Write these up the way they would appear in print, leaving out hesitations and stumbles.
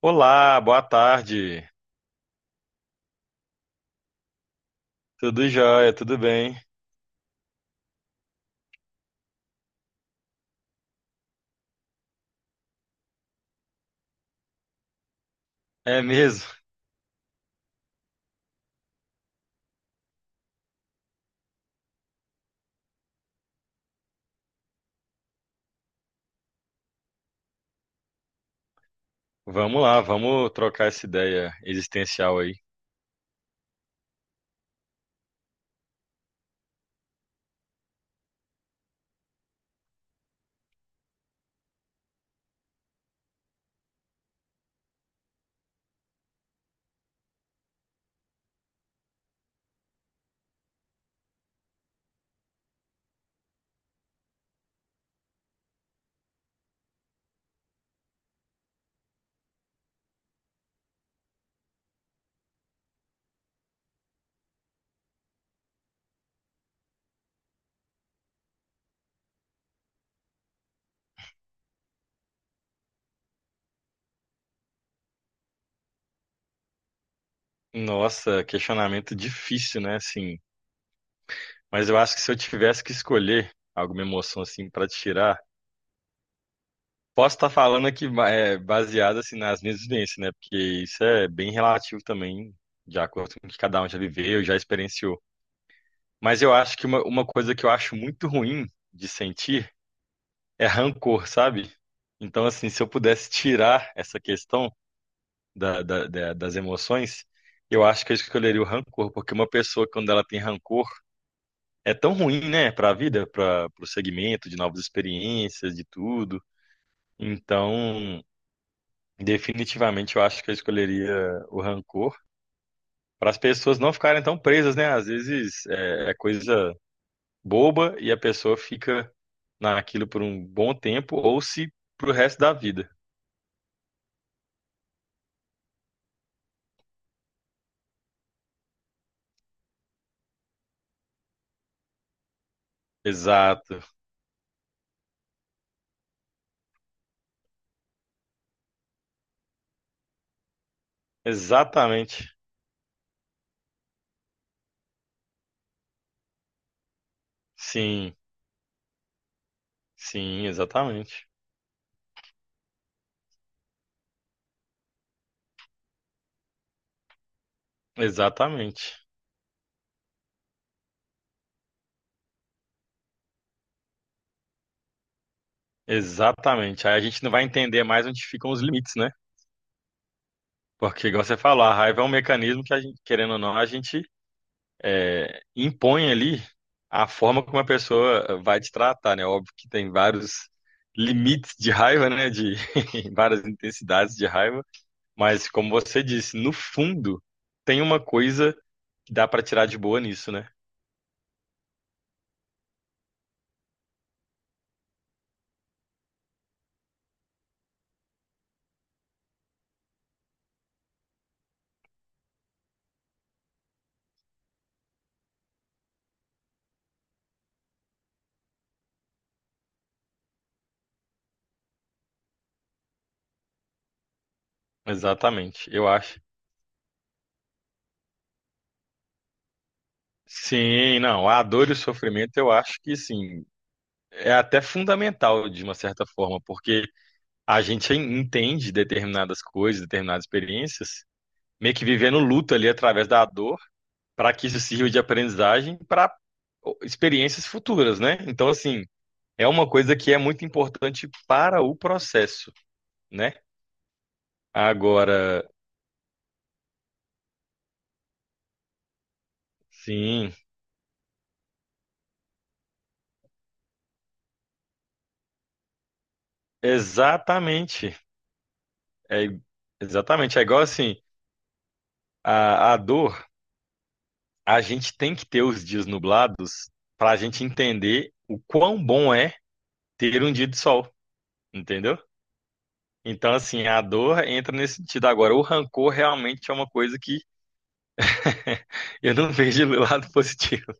Olá, boa tarde. Tudo jóia, tudo bem? É mesmo? Vamos lá, vamos trocar essa ideia existencial aí. Nossa, questionamento difícil, né? Assim, mas eu acho que se eu tivesse que escolher alguma emoção assim para tirar, posso estar falando aqui baseado assim nas minhas vivências, né? Porque isso é bem relativo também, de acordo com o que cada um já viveu, já experienciou. Mas eu acho que uma coisa que eu acho muito ruim de sentir é rancor, sabe? Então, assim, se eu pudesse tirar essa questão das emoções, eu acho que eu escolheria o rancor, porque uma pessoa, quando ela tem rancor, é tão ruim, né, para a vida, para o segmento de novas experiências, de tudo. Então, definitivamente, eu acho que eu escolheria o rancor para as pessoas não ficarem tão presas, né? Às vezes é coisa boba e a pessoa fica naquilo por um bom tempo ou se pro resto da vida. Exato. Exatamente. Sim, sim, exatamente. Exatamente. Exatamente. Aí a gente não vai entender mais onde ficam os limites, né? Porque, igual você falou, a raiva é um mecanismo que a gente, querendo ou não, a gente impõe ali a forma como a pessoa vai te tratar, né? Óbvio que tem vários limites de raiva, né? De várias intensidades de raiva. Mas, como você disse, no fundo, tem uma coisa que dá pra tirar de boa nisso, né? Exatamente. Eu acho. Sim, não, a dor e o sofrimento eu acho que sim, é até fundamental de uma certa forma, porque a gente entende determinadas coisas, determinadas experiências, meio que vivendo luto ali através da dor, para que isso sirva de aprendizagem para experiências futuras, né? Então, assim, é uma coisa que é muito importante para o processo, né? Agora, sim, exatamente, é igual assim, a dor a gente tem que ter os dias nublados para a gente entender o quão bom é ter um dia de sol, entendeu? Então, assim, a dor entra nesse sentido. Agora, o rancor realmente é uma coisa que eu não vejo do lado positivo.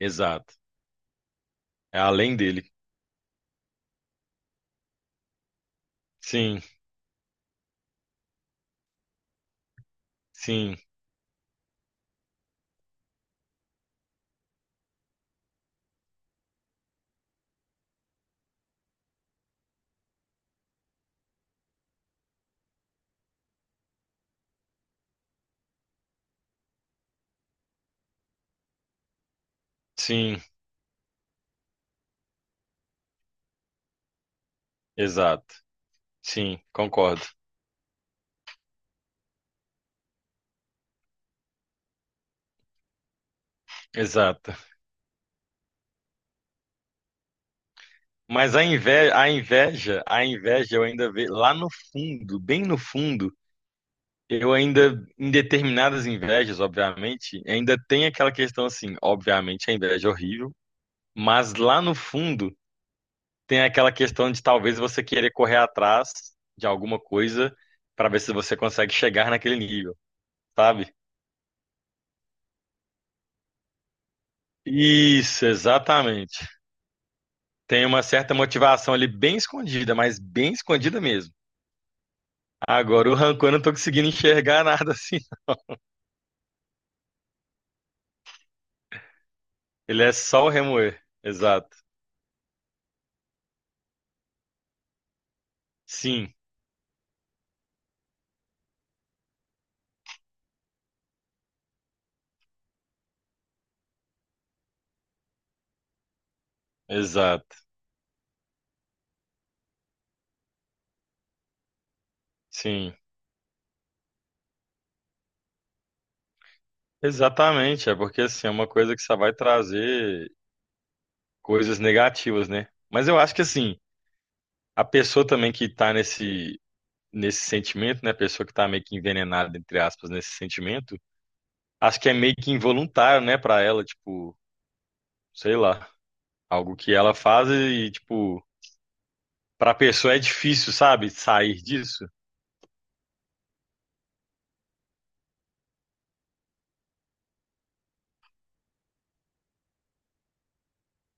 Exato. É além dele. Sim, sim, sim, exato. Sim, concordo. Exato. Mas a inveja eu ainda vejo lá no fundo, bem no fundo, eu ainda, em determinadas invejas, obviamente, ainda tem aquela questão assim, obviamente a inveja é horrível, mas lá no fundo tem aquela questão de talvez você querer correr atrás de alguma coisa para ver se você consegue chegar naquele nível, sabe? Isso, exatamente. Tem uma certa motivação ali bem escondida, mas bem escondida mesmo. Agora, o rancor eu não tô conseguindo enxergar nada assim. Ele é só o remoer. Exato. Sim, exato. Sim. Exatamente, é porque assim, é uma coisa que só vai trazer coisas negativas, né? Mas eu acho que assim, a pessoa também que tá nesse sentimento, né, a pessoa que tá meio que envenenada entre aspas nesse sentimento, acho que é meio que involuntário, né, pra ela, tipo, sei lá, algo que ela faz e tipo, pra pessoa é difícil, sabe, sair disso.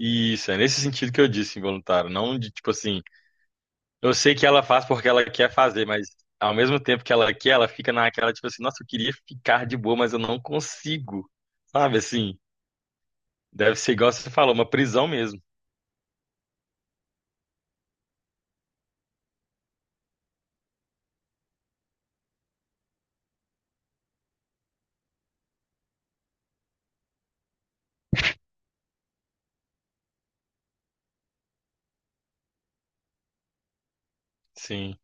E isso é nesse sentido que eu disse involuntário, não de tipo assim, eu sei que ela faz porque ela quer fazer, mas ao mesmo tempo que ela quer, ela fica naquela, tipo assim, nossa, eu queria ficar de boa, mas eu não consigo. Sabe assim? Deve ser igual você falou, uma prisão mesmo. Sim,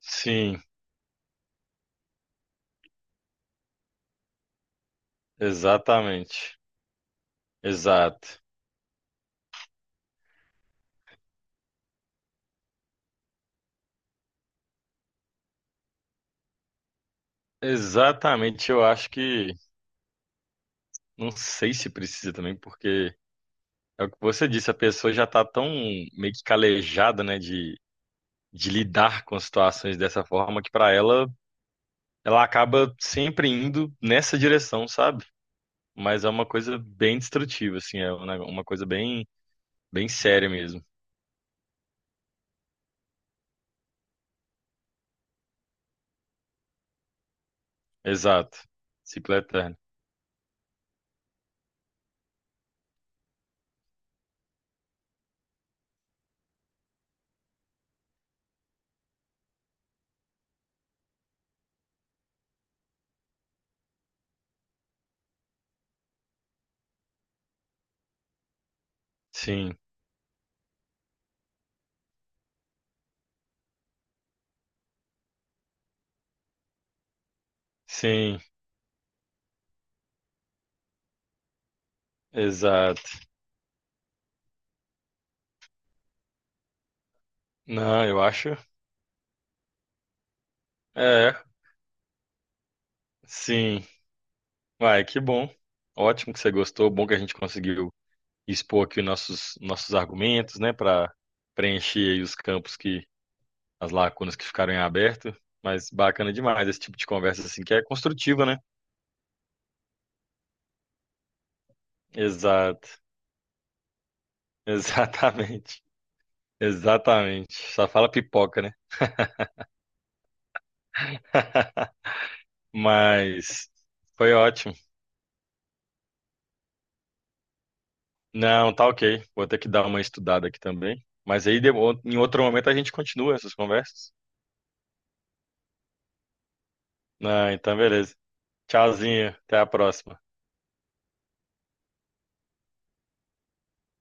sim, exatamente. Exato. Exatamente, eu acho que não sei se precisa também, porque é o que você disse, a pessoa já tá tão meio que calejada, né, de lidar com situações dessa forma que pra ela ela acaba sempre indo nessa direção, sabe? Mas é uma coisa bem destrutiva, assim, é um uma coisa bem, bem séria mesmo. Exato. Ciclo eterno. Sim, sim, exato. Não, eu acho. É, sim. Uai, que bom. Ótimo que você gostou. Bom que a gente conseguiu expor aqui os nossos argumentos, né, para preencher aí os campos que, as lacunas que ficaram em aberto. Mas bacana demais esse tipo de conversa, assim, que é construtiva, né? Exato. Exatamente. Exatamente. Só fala pipoca, né? Mas foi ótimo. Não, tá ok. Vou ter que dar uma estudada aqui também. Em outro momento a gente continua essas conversas. Não, então beleza. Tchauzinho, até a próxima.